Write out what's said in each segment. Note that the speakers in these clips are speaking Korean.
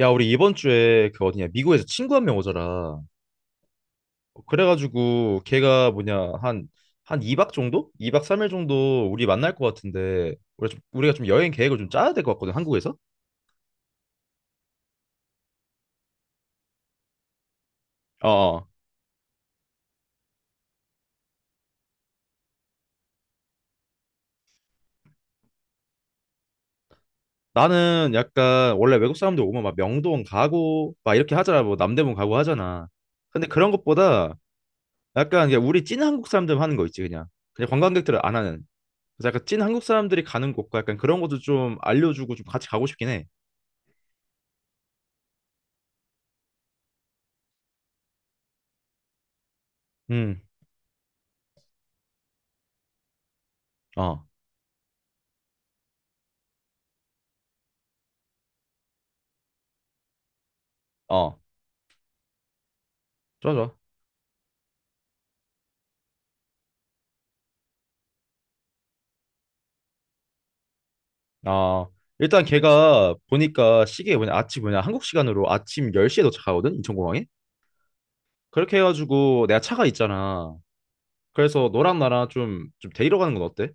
야, 우리 이번 주에 그 어디냐, 미국에서 친구 한 명 오잖아. 그래가지고 걔가 뭐냐, 한 2박 정도? 2박 3일 정도 우리 만날 것 같은데, 우리가 좀 여행 계획을 좀 짜야 될 것 같거든, 한국에서? 어. 어. 나는 약간 원래 외국 사람들 오면 막 명동 가고 막 이렇게 하잖아, 뭐 남대문 가고 하잖아. 근데 그런 것보다 약간 그냥 우리 찐 한국 사람들 하는 거 있지, 그냥. 그냥 관광객들은 안 하는. 그래서 약간 찐 한국 사람들이 가는 곳과 약간 그런 것도 좀 알려주고 좀 같이 가고 싶긴 해. 음, 어, 어. 좋아, 좋아. 아, 일단 걔가 보니까 시계 뭐냐, 아침 뭐냐, 한국 시간으로 아침 10시에 도착하거든, 인천공항에? 그렇게 해가지고 내가 차가 있잖아. 그래서 너랑 나랑 좀 데리러 가는 건 어때?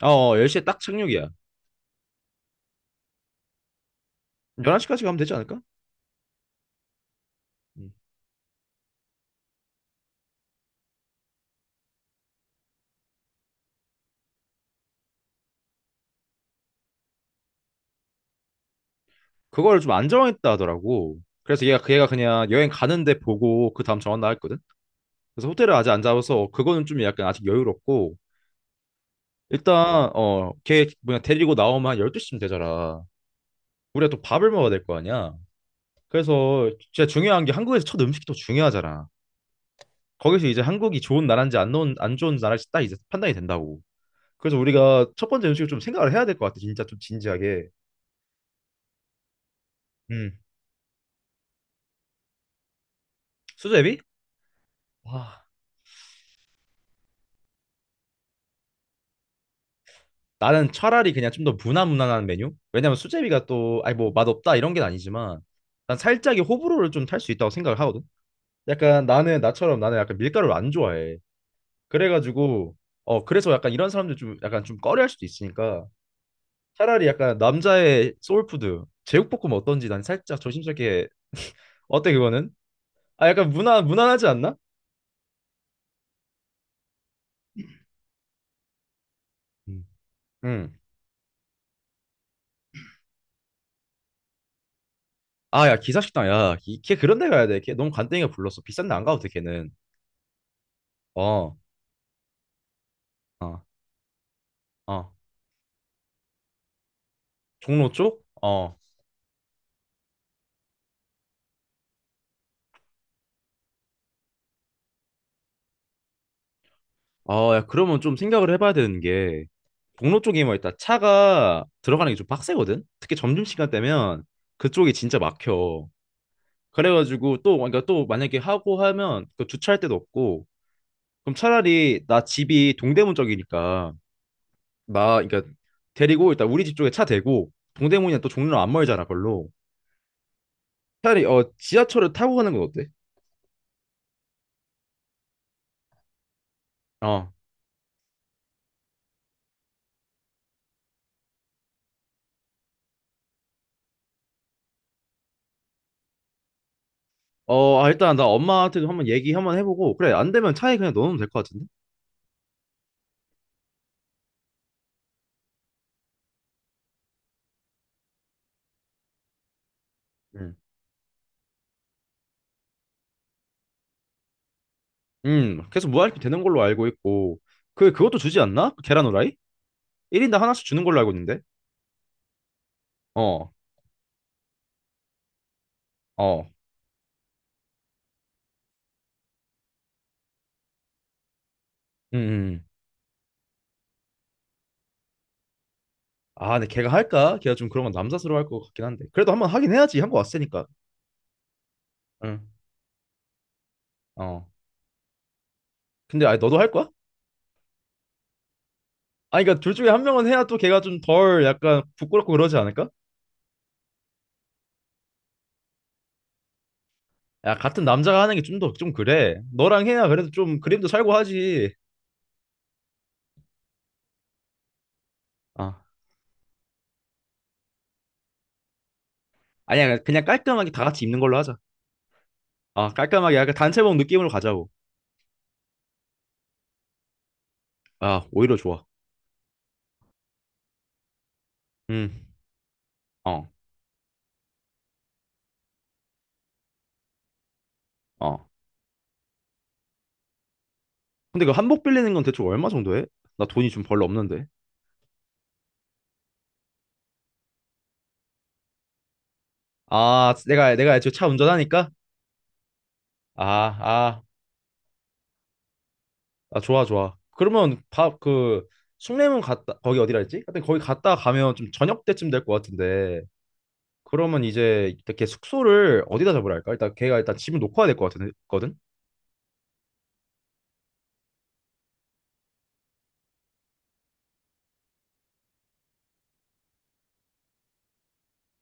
아, 어, 10시에 딱 착륙이야. 11시까지 가면 되지 않을까? 음. 그걸 좀 안 정했다 하더라고. 그래서 걔가 그냥 여행 가는데 보고 그 다음 정한다 했거든? 그래서 호텔을 아직 안 잡아서 그거는 좀 약간 아직 여유롭고, 일단, 걔 뭐냐, 데리고 나오면 한 12시쯤 되잖아. 우리가 또 밥을 먹어야 될 거 아니야? 그래서 진짜 중요한 게 한국에서 첫 음식이 또 중요하잖아. 거기서 이제 한국이 좋은 나라인지 안 좋은 나라인지 딱 이제 판단이 된다고. 그래서 우리가 첫 번째 음식을 좀 생각을 해야 될 것 같아. 진짜 좀 진지하게. 음. 수제비? 와. 나는 차라리 그냥 좀 더 무난무난한 메뉴? 왜냐면 수제비가 또 아니 뭐 맛없다 이런 게 아니지만 난 살짝의 호불호를 좀 탈 수 있다고 생각을 하거든. 약간 나는 나처럼 나는 약간 밀가루를 안 좋아해. 그래가지고 그래서 약간 이런 사람들 좀 약간 좀 꺼려할 수도 있으니까 차라리 약간 남자의 소울푸드 제육볶음 어떤지 난 살짝 조심스럽게 어때 그거는? 아 약간 무난 무난하지 않나? 음. 응. 아 야 기사식당 야 걔 그런 데 가야 돼. 걔 너무 간땡이가 불렀어. 비싼 데 안 가도 돼 걔는. 어. 어. 어. 종로 쪽? 어. 어 야 그러면 좀 생각을 해봐야 되는 게 종로 쪽이 뭐 일단 차가 들어가는 게 좀 빡세거든. 특히 점심시간 되면 그쪽이 진짜 막혀. 그래가지고 또 그러니까 또 만약에 하고 하면 그 주차할 데도 없고 그럼 차라리 나 집이 동대문 쪽이니까 나 그러니까 데리고 일단 우리 집 쪽에 차 대고 동대문이랑 또 종로 안 멀잖아 걸로 차라리 지하철을 타고 가는 건 어때? 어. 어, 아, 일단 나 엄마한테도 한번 얘기 한번 해보고 그래 안 되면 차에 그냥 넣어놓으면 될 것 같은데? 음. 계속 무할피 되는 걸로 알고 있고 그것도 주지 않나? 그 계란 후라이? 1인당 하나씩 주는 걸로 알고 있는데 어 어. 음, 음. 아 근데 걔가 할까? 걔가 좀 그런 건 남사스러워 할 것 같긴 한데 그래도 한번 하긴 해야지 한 거 왔으니까 응. 어 근데 아니 너도 할 거야? 아니 그러니까 둘 중에 한 명은 해야 또 걔가 좀 덜 약간 부끄럽고 그러지 않을까? 야 같은 남자가 하는 게 좀 더 좀 그래. 너랑 해야 그래도 좀 그림도 살고 하지. 아 아니야 그냥 깔끔하게 다 같이 입는 걸로 하자. 아 깔끔하게 약간 단체복 느낌으로 가자고. 아 오히려 좋아. 음. 어. 어. 근데 그 한복 빌리는 건 대충 얼마 정도 해? 나 돈이 좀 별로 없는데. 아 내가 애초에 차 운전하니까. 아 아. 아 좋아 좋아. 그러면 밥그 숭례문 갔다 거기 어디라 했지? 하여튼 거기 갔다 가면 좀 저녁 때쯤 될 것 같은데. 그러면 이제 이렇게 숙소를 어디다 잡으라 할까? 일단 걔가 일단 집을 놓고 와야 될 것 같거든.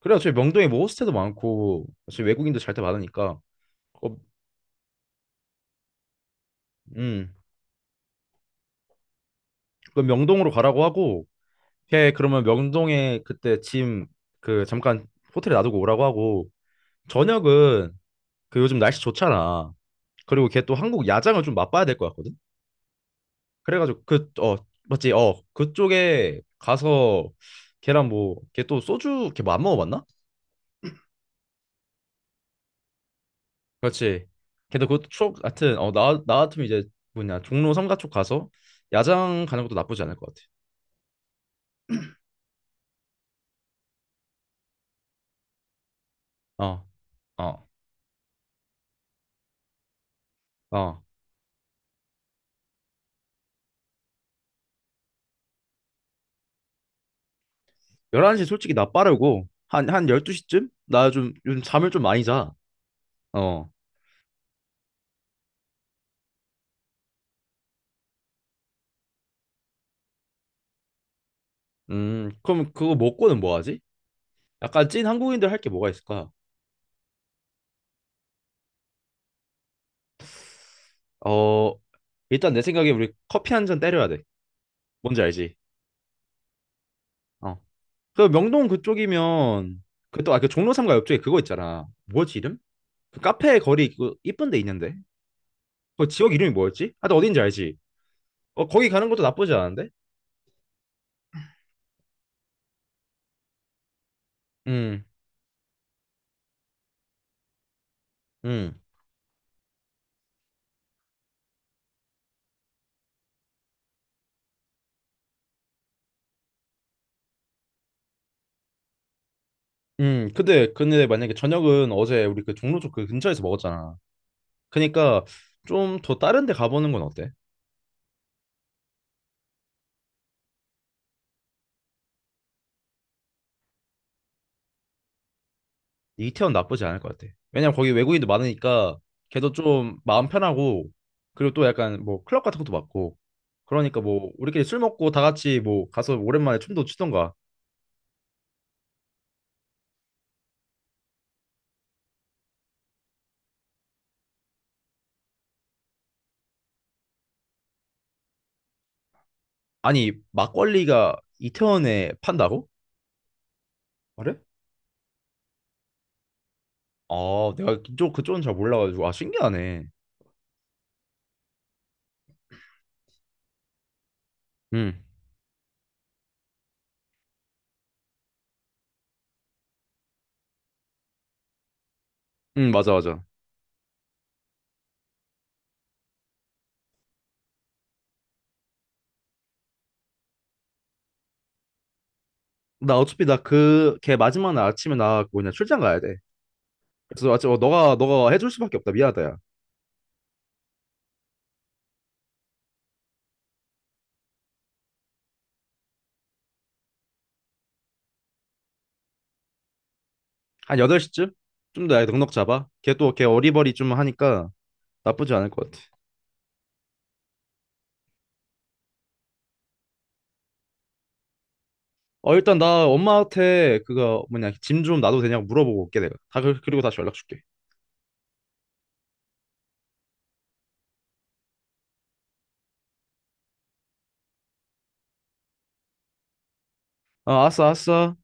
그래 어차피 명동에 뭐 호스텔도 많고 어차피 외국인도 잘 때 많으니까. 어, 음. 그럼 명동으로 가라고 하고 걔 그러면 명동에 그때 짐 그 잠깐 호텔에 놔두고 오라고 하고 저녁은 그 요즘 날씨 좋잖아. 그리고 걔 또 한국 야장을 좀 맛봐야 될 것 같거든. 그래가지고 그 맞지 그쪽에 가서 걔랑 뭐 걔 또 소주 걔 뭐 안 먹어봤나? 그렇지. 근데 그것도 추억 하여튼 나 같으면 이제 뭐냐 종로 삼가 쪽 가서 야장 가는 것도 나쁘지 않을 것 같아. 어, 어, 어. 11시 솔직히 나 빠르고 한 12시쯤? 나 좀 요즘 잠을 좀 많이 자. 어. 그럼 그거 먹고는 뭐 하지? 약간 찐 한국인들 할 게 뭐가 있을까? 어, 일단 내 생각에 우리 커피 한 잔 때려야 돼. 뭔지 알지? 어. 그 명동 그쪽이면 그 또 아 그 종로 삼가 옆쪽에 그거 있잖아. 뭐지 이름? 그 카페 거리 그 이쁜 데 있는데. 그 지역 이름이 뭐였지? 하여튼 어딘지 알지? 어, 거기 가는 것도 나쁘지 않은데? 음, 음, 근데 만약에 저녁은 어제 우리 그 종로 쪽 그 근처에서 먹었잖아. 그니까 좀 더 다른 데 가보는 건 어때? 이태원 나쁘지 않을 것 같아. 왜냐면 거기 외국인도 많으니까 걔도 좀 마음 편하고 그리고 또 약간 뭐 클럽 같은 것도 많고 그러니까 뭐 우리끼리 술 먹고 다 같이 뭐 가서 오랜만에 춤도 추던가. 아니, 막걸리가 이태원에 판다고? 그래? 아, 내가 그쪽은 잘 몰라가지고. 아, 신기하네. 응, 응, 맞아, 맞아. 나 어차피 나 그, 걔 마지막 날 아침에 나 뭐냐, 출장 가야 돼. 그래서 아침, 너가 해줄 수밖에 없다. 미안하다, 야. 한 8시쯤? 좀 더 넉넉 잡아. 걔 또, 걔 어리버리 좀 하니까 나쁘지 않을 것 같아. 어, 일단 나 엄마한테 그거 뭐냐, 짐 좀 놔도 되냐고 물어보고 올게, 내가. 그리고 다시 연락 줄게. 어, 알았어, 알았어.